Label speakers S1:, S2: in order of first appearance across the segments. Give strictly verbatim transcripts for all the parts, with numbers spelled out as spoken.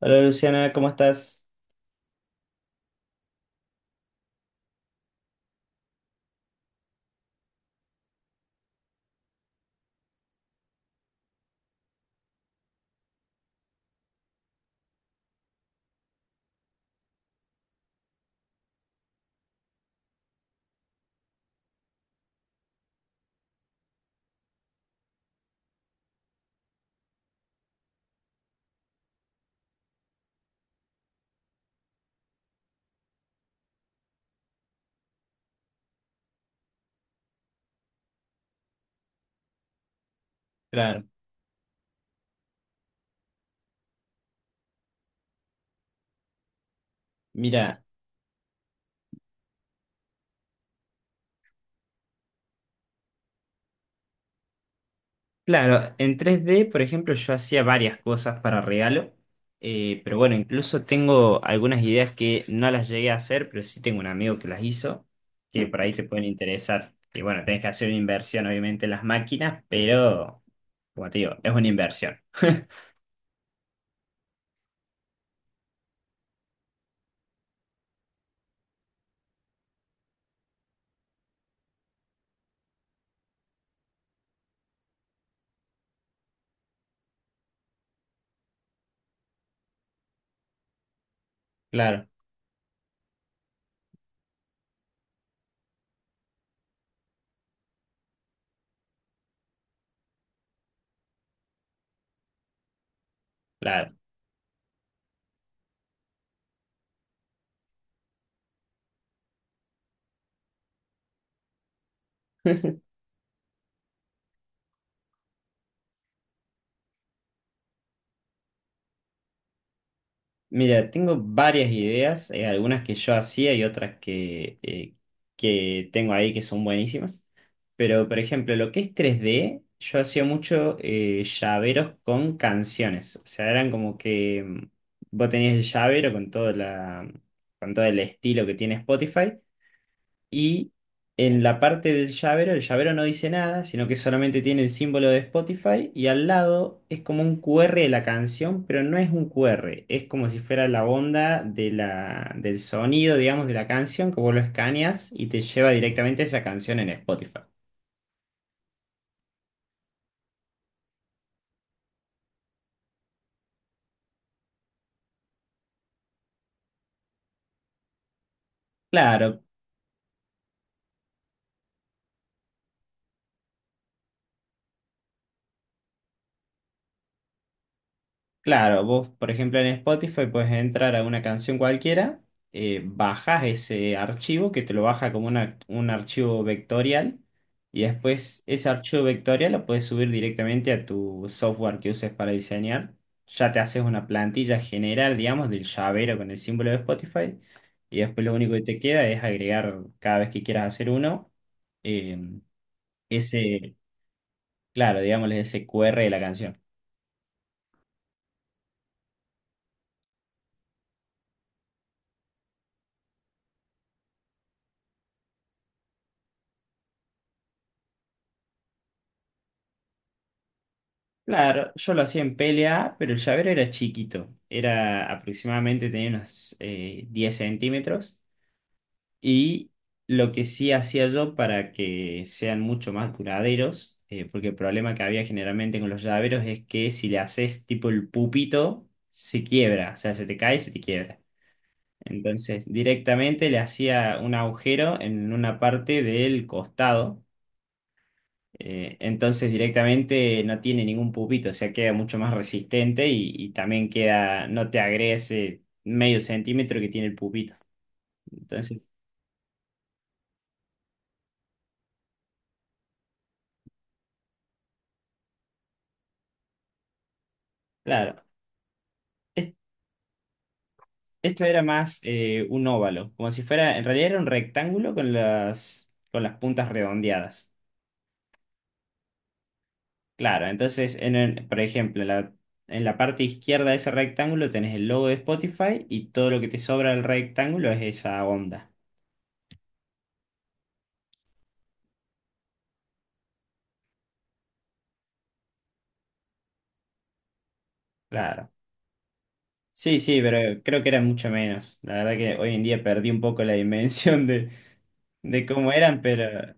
S1: Hola Luciana, ¿cómo estás? Claro, mira, claro, en tres D, por ejemplo, yo hacía varias cosas para regalo, eh, pero bueno, incluso tengo algunas ideas que no las llegué a hacer, pero sí tengo un amigo que las hizo, que por ahí te pueden interesar. Y bueno, tenés que hacer una inversión, obviamente, en las máquinas, pero, como te digo, es una inversión. Claro, claro. Mira, tengo varias ideas, eh, algunas que yo hacía y otras que, eh, que tengo ahí que son buenísimas. Pero, por ejemplo, lo que es tres d yo hacía mucho eh, llaveros con canciones. O sea, eran como que mm, vos tenías el llavero con todo la, con todo el estilo que tiene Spotify y en la parte del llavero, el llavero no dice nada, sino que solamente tiene el símbolo de Spotify y al lado es como un cu erre de la canción, pero no es un cu erre, es como si fuera la onda de la, del sonido, digamos, de la canción, que vos lo escaneas y te lleva directamente a esa canción en Spotify. Claro, claro, vos, por ejemplo, en Spotify puedes entrar a una canción cualquiera, eh, bajas ese archivo que te lo baja como una- un archivo vectorial y después ese archivo vectorial lo puedes subir directamente a tu software que uses para diseñar. Ya te haces una plantilla general, digamos, del llavero con el símbolo de Spotify y después lo único que te queda es agregar cada vez que quieras hacer uno eh, ese, claro, digamos ese cu erre de la canción. Claro, yo lo hacía en P L A, pero el llavero era chiquito. Era aproximadamente, tenía unos eh, diez centímetros. Y lo que sí hacía yo para que sean mucho más duraderos, eh, porque el problema que había generalmente con los llaveros es que si le haces tipo el pupito, se quiebra. O sea, se te cae y se te quiebra. Entonces, directamente le hacía un agujero en una parte del costado eh, entonces directamente no tiene ningún pupito, o sea, queda mucho más resistente y, y también queda, no te agrega ese medio centímetro que tiene el pupito. Entonces, claro, es- esto era más eh, un óvalo, como si fuera, en realidad era un rectángulo con las, con las puntas redondeadas. Claro, entonces, en el- por ejemplo, en la, en la parte izquierda de ese rectángulo tenés el logo de Spotify y todo lo que te sobra del rectángulo es esa onda. Claro. Sí, sí, pero creo que era mucho menos. La verdad que hoy en día perdí un poco la dimensión de, de cómo eran, pero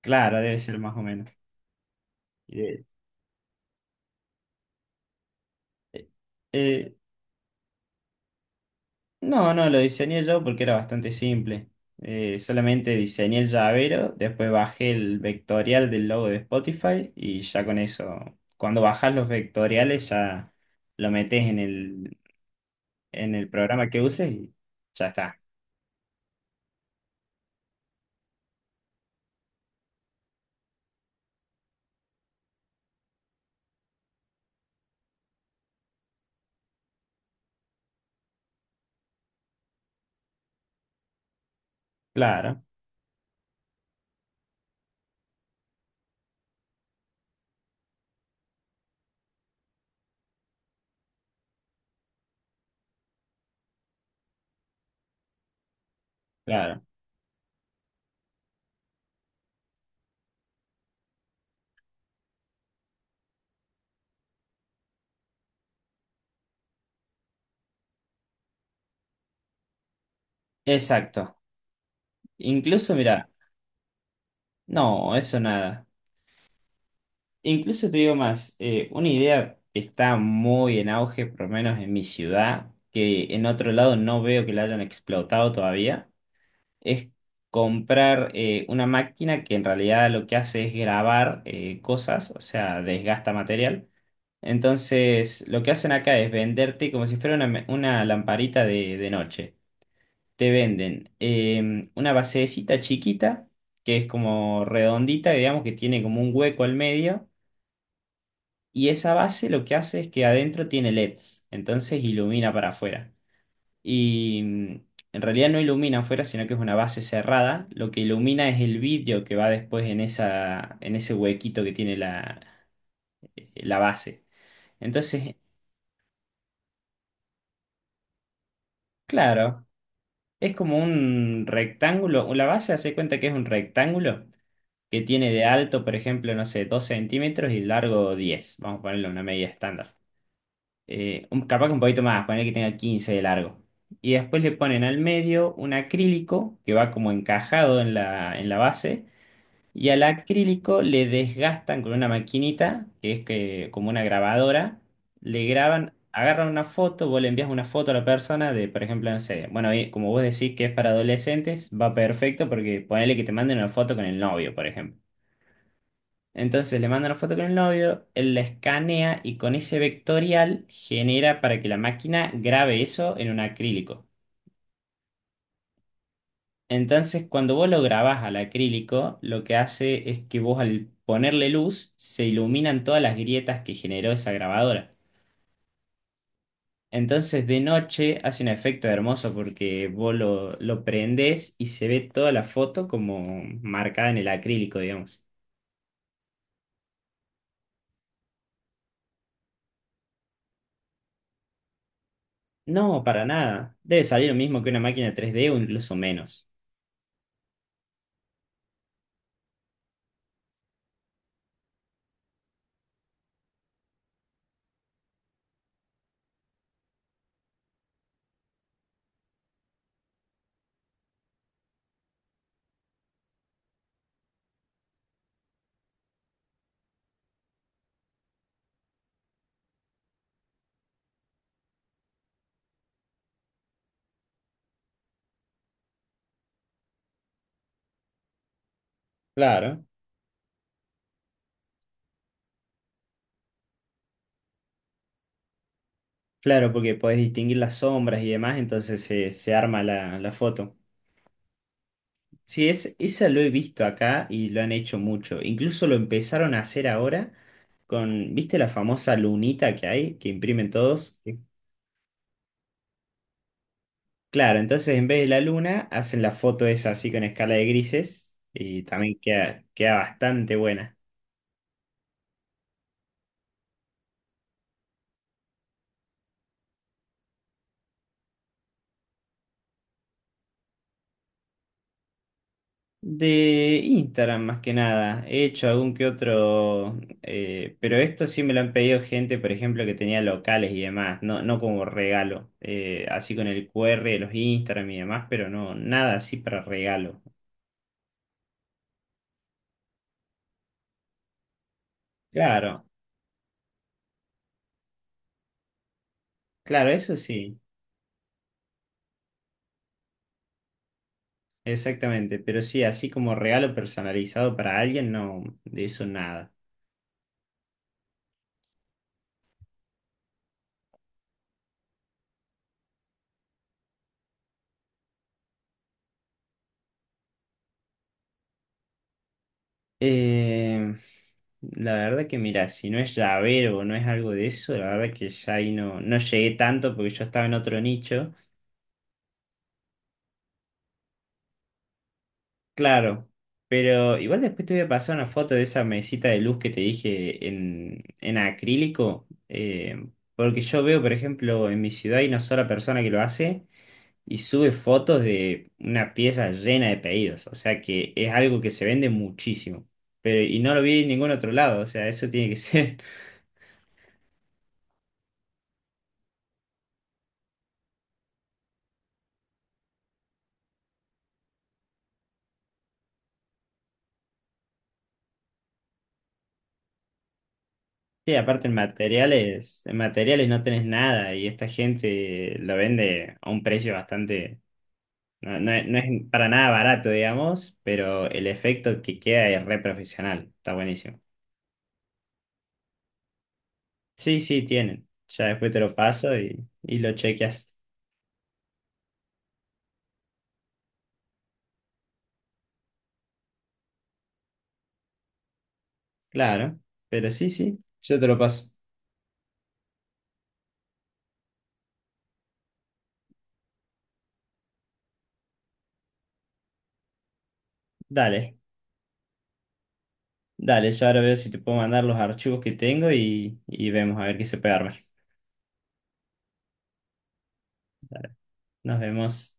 S1: claro, debe ser más o menos. Y de- eh, eh, no, no, lo diseñé yo porque era bastante simple. Eh, solamente diseñé el llavero, después bajé el vectorial del logo de Spotify y ya con eso, cuando bajas los vectoriales ya lo metes en el, en el programa que uses y ya está. Claro, claro. Exacto. Incluso, mira. No, eso nada. Incluso te digo más, eh, una idea que está muy en auge, por lo menos en mi ciudad, que en otro lado no veo que la hayan explotado todavía, es comprar eh, una máquina que en realidad lo que hace es grabar eh, cosas, o sea, desgasta material. Entonces, lo que hacen acá es venderte como si fuera una, una lamparita de, de noche. Te venden em, una basecita chiquita, que es como redondita, digamos que tiene como un hueco al medio, y esa base lo que hace es que adentro tiene L E Ds, entonces ilumina para afuera. Y mm, en realidad no ilumina afuera, sino que es una base cerrada, lo que ilumina es el vidrio que va después en esa, en ese huequito que tiene la, eh, la base. Entonces, claro, es como un rectángulo, la base hace cuenta que es un rectángulo, que tiene de alto, por ejemplo, no sé, dos centímetros y largo diez. Vamos a ponerle una medida estándar. Eh, un, capaz que un poquito más. Poner que tenga quince de largo. Y después le ponen al medio un acrílico que va como encajado en la, en la base. Y al acrílico le desgastan con una maquinita, que es que, como una grabadora, le graban, agarran una foto, vos le envías una foto a la persona de, por ejemplo, no sé, bueno, y como vos decís que es para adolescentes, va perfecto porque ponele que te manden una foto con el novio, por ejemplo. Entonces le manda una foto con el novio, él la escanea y con ese vectorial genera para que la máquina grabe eso en un acrílico. Entonces cuando vos lo grabás al acrílico, lo que hace es que vos al ponerle luz se iluminan todas las grietas que generó esa grabadora. Entonces de noche hace un efecto hermoso porque vos lo, lo prendés y se ve toda la foto como marcada en el acrílico, digamos. No, para nada. Debe salir lo mismo que una máquina tres D o incluso menos. Claro. Claro, porque podés distinguir las sombras y demás, entonces se, se arma la, la foto. Sí, es, esa lo he visto acá y lo han hecho mucho. Incluso lo empezaron a hacer ahora con, ¿viste la famosa lunita que hay, que imprimen todos? Sí. Claro, entonces en vez de la luna, hacen la foto esa así con escala de grises y también queda, queda bastante buena. De Instagram más que nada. He hecho algún que otro, eh, pero esto sí me lo han pedido gente, por ejemplo, que tenía locales y demás, no, no como regalo, eh, así con el cu erre de los Instagram y demás, pero no, nada así para regalo. Claro, claro, eso sí, exactamente, pero sí, así como regalo personalizado para alguien, no, de eso nada. Eh, la verdad que mira, si no es llavero o no es algo de eso, la verdad que ya ahí no, no llegué tanto porque yo estaba en otro nicho. Claro, pero igual después te voy a pasar una foto de esa mesita de luz que te dije en, en acrílico, eh, porque yo veo, por ejemplo, en mi ciudad hay una sola persona que lo hace y sube fotos de una pieza llena de pedidos, o sea que es algo que se vende muchísimo, pero y no lo vi en ningún otro lado, o sea, eso tiene que ser. Sí, aparte en materiales, en materiales no tenés nada y esta gente lo vende a un precio bastante. No, no es, no es para nada barato, digamos, pero el efecto que queda es re profesional. Está buenísimo. Sí, sí, tienen. Ya después te lo paso y, y lo chequeas. Claro, pero sí, sí, yo te lo paso. Dale, dale, yo ahora veo si te puedo mandar los archivos que tengo y, y vemos a ver qué se puede armar. Nos vemos.